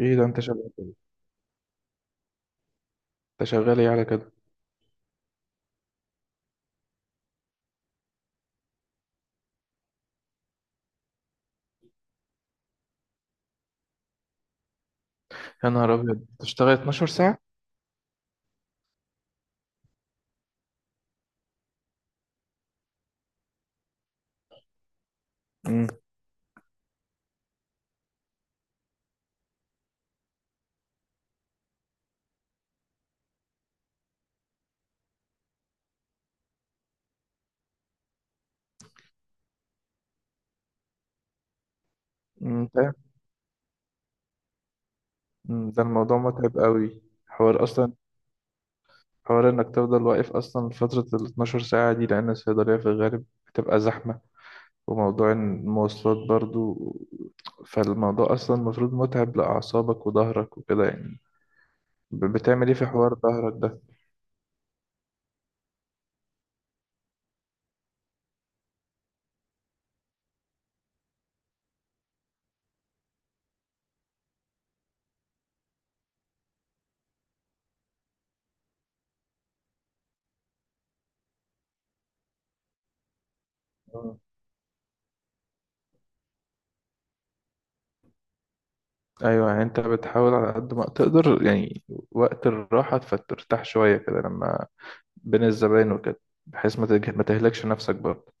ايه ده، انت شغال ايه على كده؟ يا نهار ابيض، تشتغل 12 ساعة؟ امم أمم، ده أمم، ده الموضوع متعب قوي، حوار اصلا حوار انك تفضل واقف اصلا فترة ال 12 ساعة دي، لان الصيدلية في الغالب بتبقى زحمة، وموضوع المواصلات برضو. فالموضوع اصلا المفروض متعب لاعصابك وظهرك وكده يعني. بتعمل ايه في حوار ظهرك ده؟ مم. ايوه، يعني انت بتحاول على قد ما تقدر، يعني وقت الراحة فترتاح شوية كده لما بين الزباين وكده، بحيث ما تهلكش نفسك برضه.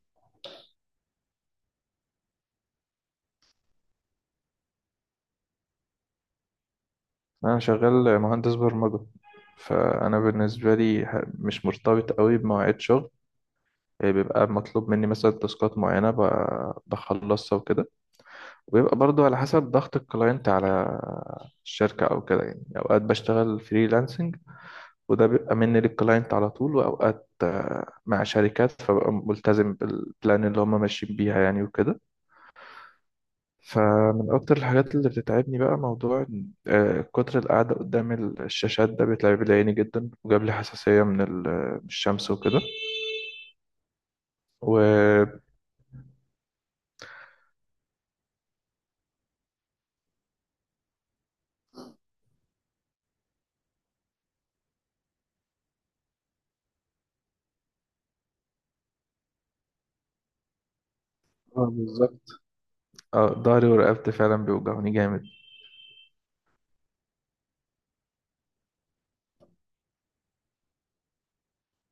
انا شغال مهندس برمجة. فانا بالنسبة لي مش مرتبط قوي بمواعيد شغل، يعني بيبقى مطلوب مني مثلا تاسكات معينة بخلصها وكده. وبيبقى برضو على حسب ضغط الكلاينت على الشركة أو كده، يعني أوقات بشتغل فريلانسنج، وده بيبقى مني للكلاينت على طول، وأوقات مع شركات فببقى ملتزم بالبلان اللي هم ماشيين بيها يعني وكده. فمن أكتر الحاجات اللي بتتعبني بقى موضوع كتر القعدة قدام الشاشات، ده بيتعب لي عيني جدا وجاب لي حساسية من الشمس وكده. و آه، بالظبط. اه، ضهري ورقبتي فعلا بيوجعوني جامد.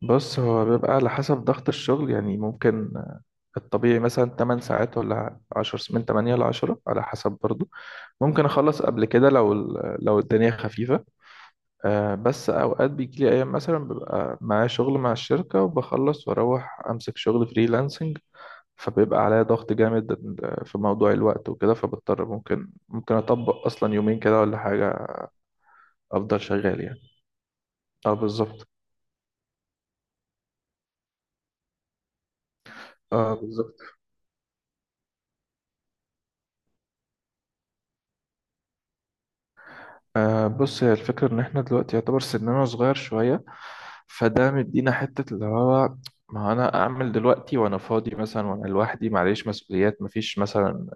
بص، هو بيبقى على حسب ضغط الشغل، يعني ممكن الطبيعي مثلا 8 ساعات ولا 10، من 8 ل 10، على حسب برضو. ممكن أخلص قبل كده لو الدنيا خفيفة. بس اوقات بيجي لي ايام، مثلا ببقى معايا شغل مع الشركه وبخلص واروح امسك شغل فريلانسنج، فبيبقى عليا ضغط جامد في موضوع الوقت وكده، فبضطر ممكن اطبق اصلا يومين كده ولا حاجه، افضل شغال يعني. اه، بالظبط. اه، بالظبط. بص، هي الفكره ان احنا دلوقتي يعتبر سننا صغير شويه، فده مدينا حته اللي هو، ما انا اعمل دلوقتي وانا فاضي مثلا وانا لوحدي، معليش مسؤوليات مفيش، مثلا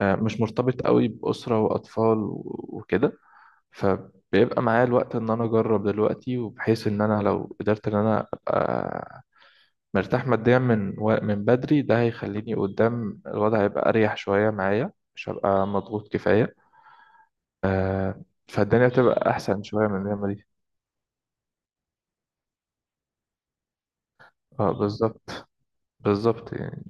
مش مرتبط قوي بأسرة وأطفال وكده. فبيبقى معايا الوقت إن أنا أجرب دلوقتي، وبحيث إن أنا لو قدرت إن أنا أبقى مرتاح ماديا من بدري، ده هيخليني قدام. الوضع هيبقى أريح شوية معايا، مش هبقى مضغوط كفاية. آه، فالدنيا تبقى أحسن شوية من الأيام دي. اه، بالظبط. بالظبط يعني.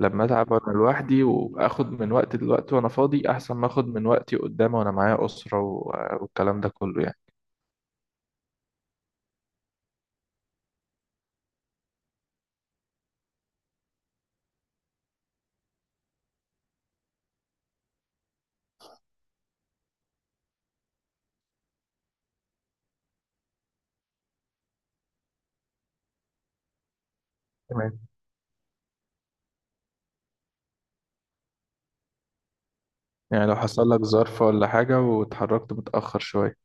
لما أتعب وأنا لوحدي، وآخد من وقتي دلوقتي وأنا فاضي، أحسن ما آخد من وقتي قدام وأنا معايا أسرة والكلام ده كله. يعني يعني لو حصل لك ظرف ولا حاجة واتحركت متأخر شوية.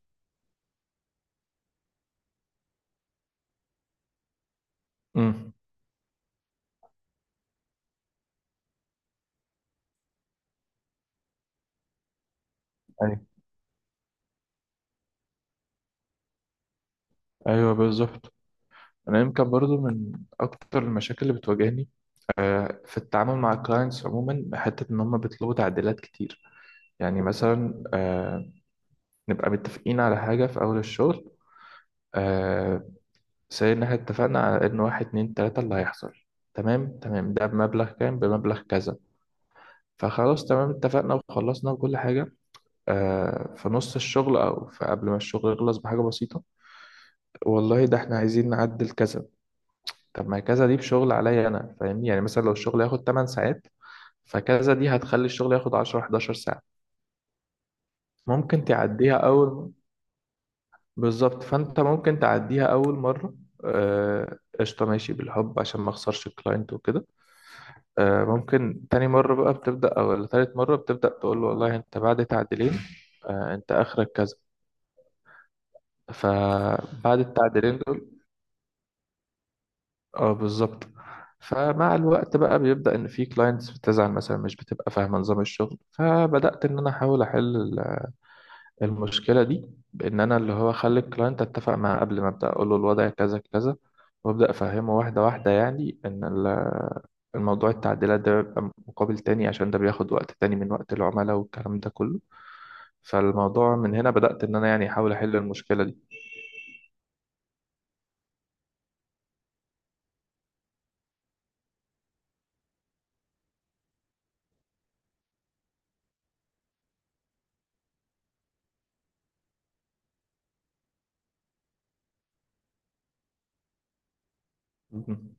امم يعني، أيوة بالظبط. أنا يمكن برضو من أكتر المشاكل اللي بتواجهني في التعامل مع الكلاينتس عموما، حتة إن هم بيطلبوا تعديلات كتير، يعني مثلا نبقى متفقين على حاجة في أول الشغل، سي إن إحنا اتفقنا على إن واحد اتنين تلاتة اللي هيحصل، تمام تمام، ده بمبلغ كام، بمبلغ كذا، فخلاص تمام اتفقنا وخلصنا وكل حاجة. في نص الشغل أو في قبل ما الشغل يخلص بحاجة بسيطة، والله، ده احنا عايزين نعدل كذا. طب ما كذا دي بشغل عليا انا، فاهمني؟ يعني مثلا لو الشغل ياخد 8 ساعات، فكذا دي هتخلي الشغل ياخد 10 11 ساعة. ممكن تعديها اول. بالظبط، فانت ممكن تعديها اول مرة. قشطة، ماشي بالحب عشان ما اخسرش الكلاينت وكده. ممكن تاني مرة بقى بتبدأ، او ولا تالت مرة بتبدأ تقول له: والله انت بعد تعديلين، انت اخرك كذا، فبعد التعديلين دول. اه، بالظبط. فمع الوقت بقى بيبدأ ان في كلاينتس بتزعل، مثلا مش بتبقى فاهمة نظام الشغل، فبدأت ان انا احاول احل المشكلة دي، بان انا اللي هو اخلي الكلاينت اتفق معاه قبل ما ابدأ اقول له الوضع كذا كذا، وابدأ افهمه واحدة واحدة، يعني ان الموضوع التعديلات ده بيبقى مقابل تاني، عشان ده بياخد وقت تاني من وقت العملاء والكلام ده كله. فالموضوع من هنا بدأت ان انا يعني احاول احل المشكلة دي. مهم.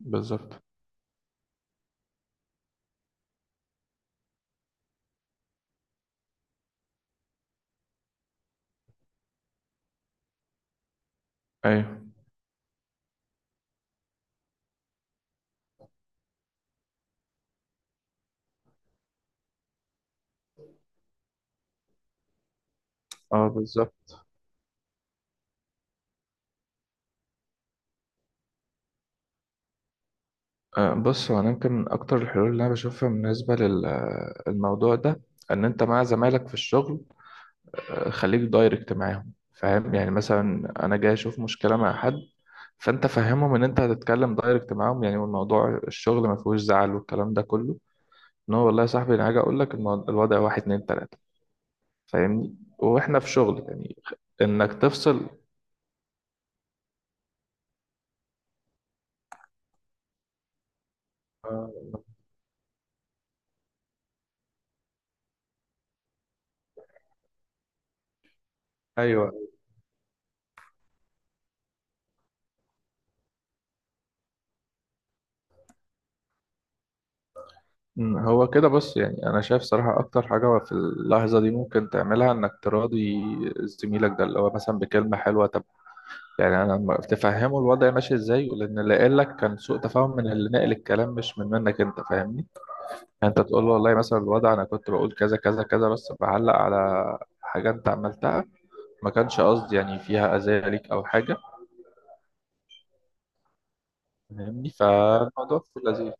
بالظبط، ايوه. اه، بالظبط. بص، هو انا يمكن من اكتر الحلول اللي انا بشوفها بالنسبه للموضوع ده، ان انت مع زمايلك في الشغل خليك دايركت معاهم، فاهم؟ يعني مثلا انا جاي اشوف مشكله مع حد، فانت فهمهم ان انت هتتكلم دايركت معاهم يعني، والموضوع الشغل ما فيهوش زعل والكلام ده كله، ان هو، والله يا صاحبي، انا هاجي اقول لك الوضع واحد اتنين تلاته، فاهمني؟ واحنا في شغل يعني. انك تفصل. آه، ايوه. هو كده بص، يعني انا شايف صراحة اكتر حاجة في اللحظة دي ممكن تعملها انك تراضي زميلك ده، اللي هو مثلا بكلمة حلوة، طب يعني انا لما تفهمه الوضع ماشي ازاي لان اللي قال لك كان سوء تفاهم من اللي ناقل الكلام، مش منك انت، فاهمني؟ يعني انت تقول له: والله مثلا الوضع انا كنت بقول كذا كذا كذا، بس بعلق على حاجة انت عملتها، ما كانش قصدي يعني فيها اذى ليك او حاجة، فاهمني؟ فالموضوع في اللذيذ.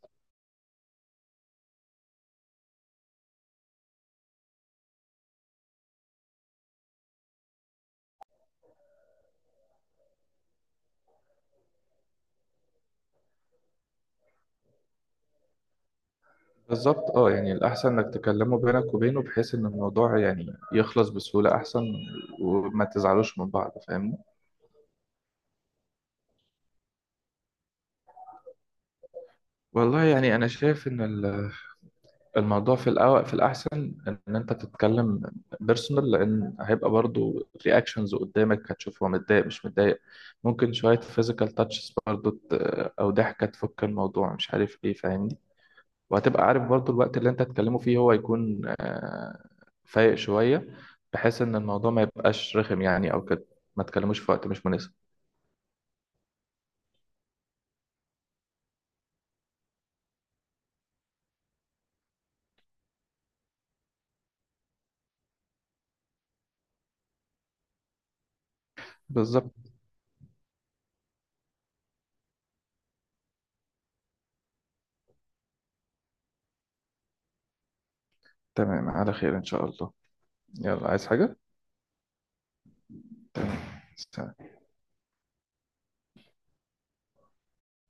بالظبط، اه، يعني الأحسن إنك تكلمه بينك وبينه، بحيث إن الموضوع يعني يخلص بسهولة أحسن، وما تزعلوش من بعض، فاهمني؟ والله يعني أنا شايف إن الموضوع في الأول في الأحسن إن أنت تتكلم بيرسونال، لأن هيبقى برضو رياكشنز قدامك، هتشوف هو متضايق مش متضايق. ممكن شوية فيزيكال تاتشز برضو، أو ضحكة تفك الموضوع، مش عارف إيه، فاهمني؟ وهتبقى عارف برضو الوقت اللي انت هتكلمه فيه هو يكون فايق شوية، بحيث ان الموضوع ما يبقاش رخم يعني او كده، ما تكلموش في وقت مش مناسب. بالظبط. تمام، على خير ان شاء الله. يلا، عايز حاجة؟ تمام. سلام.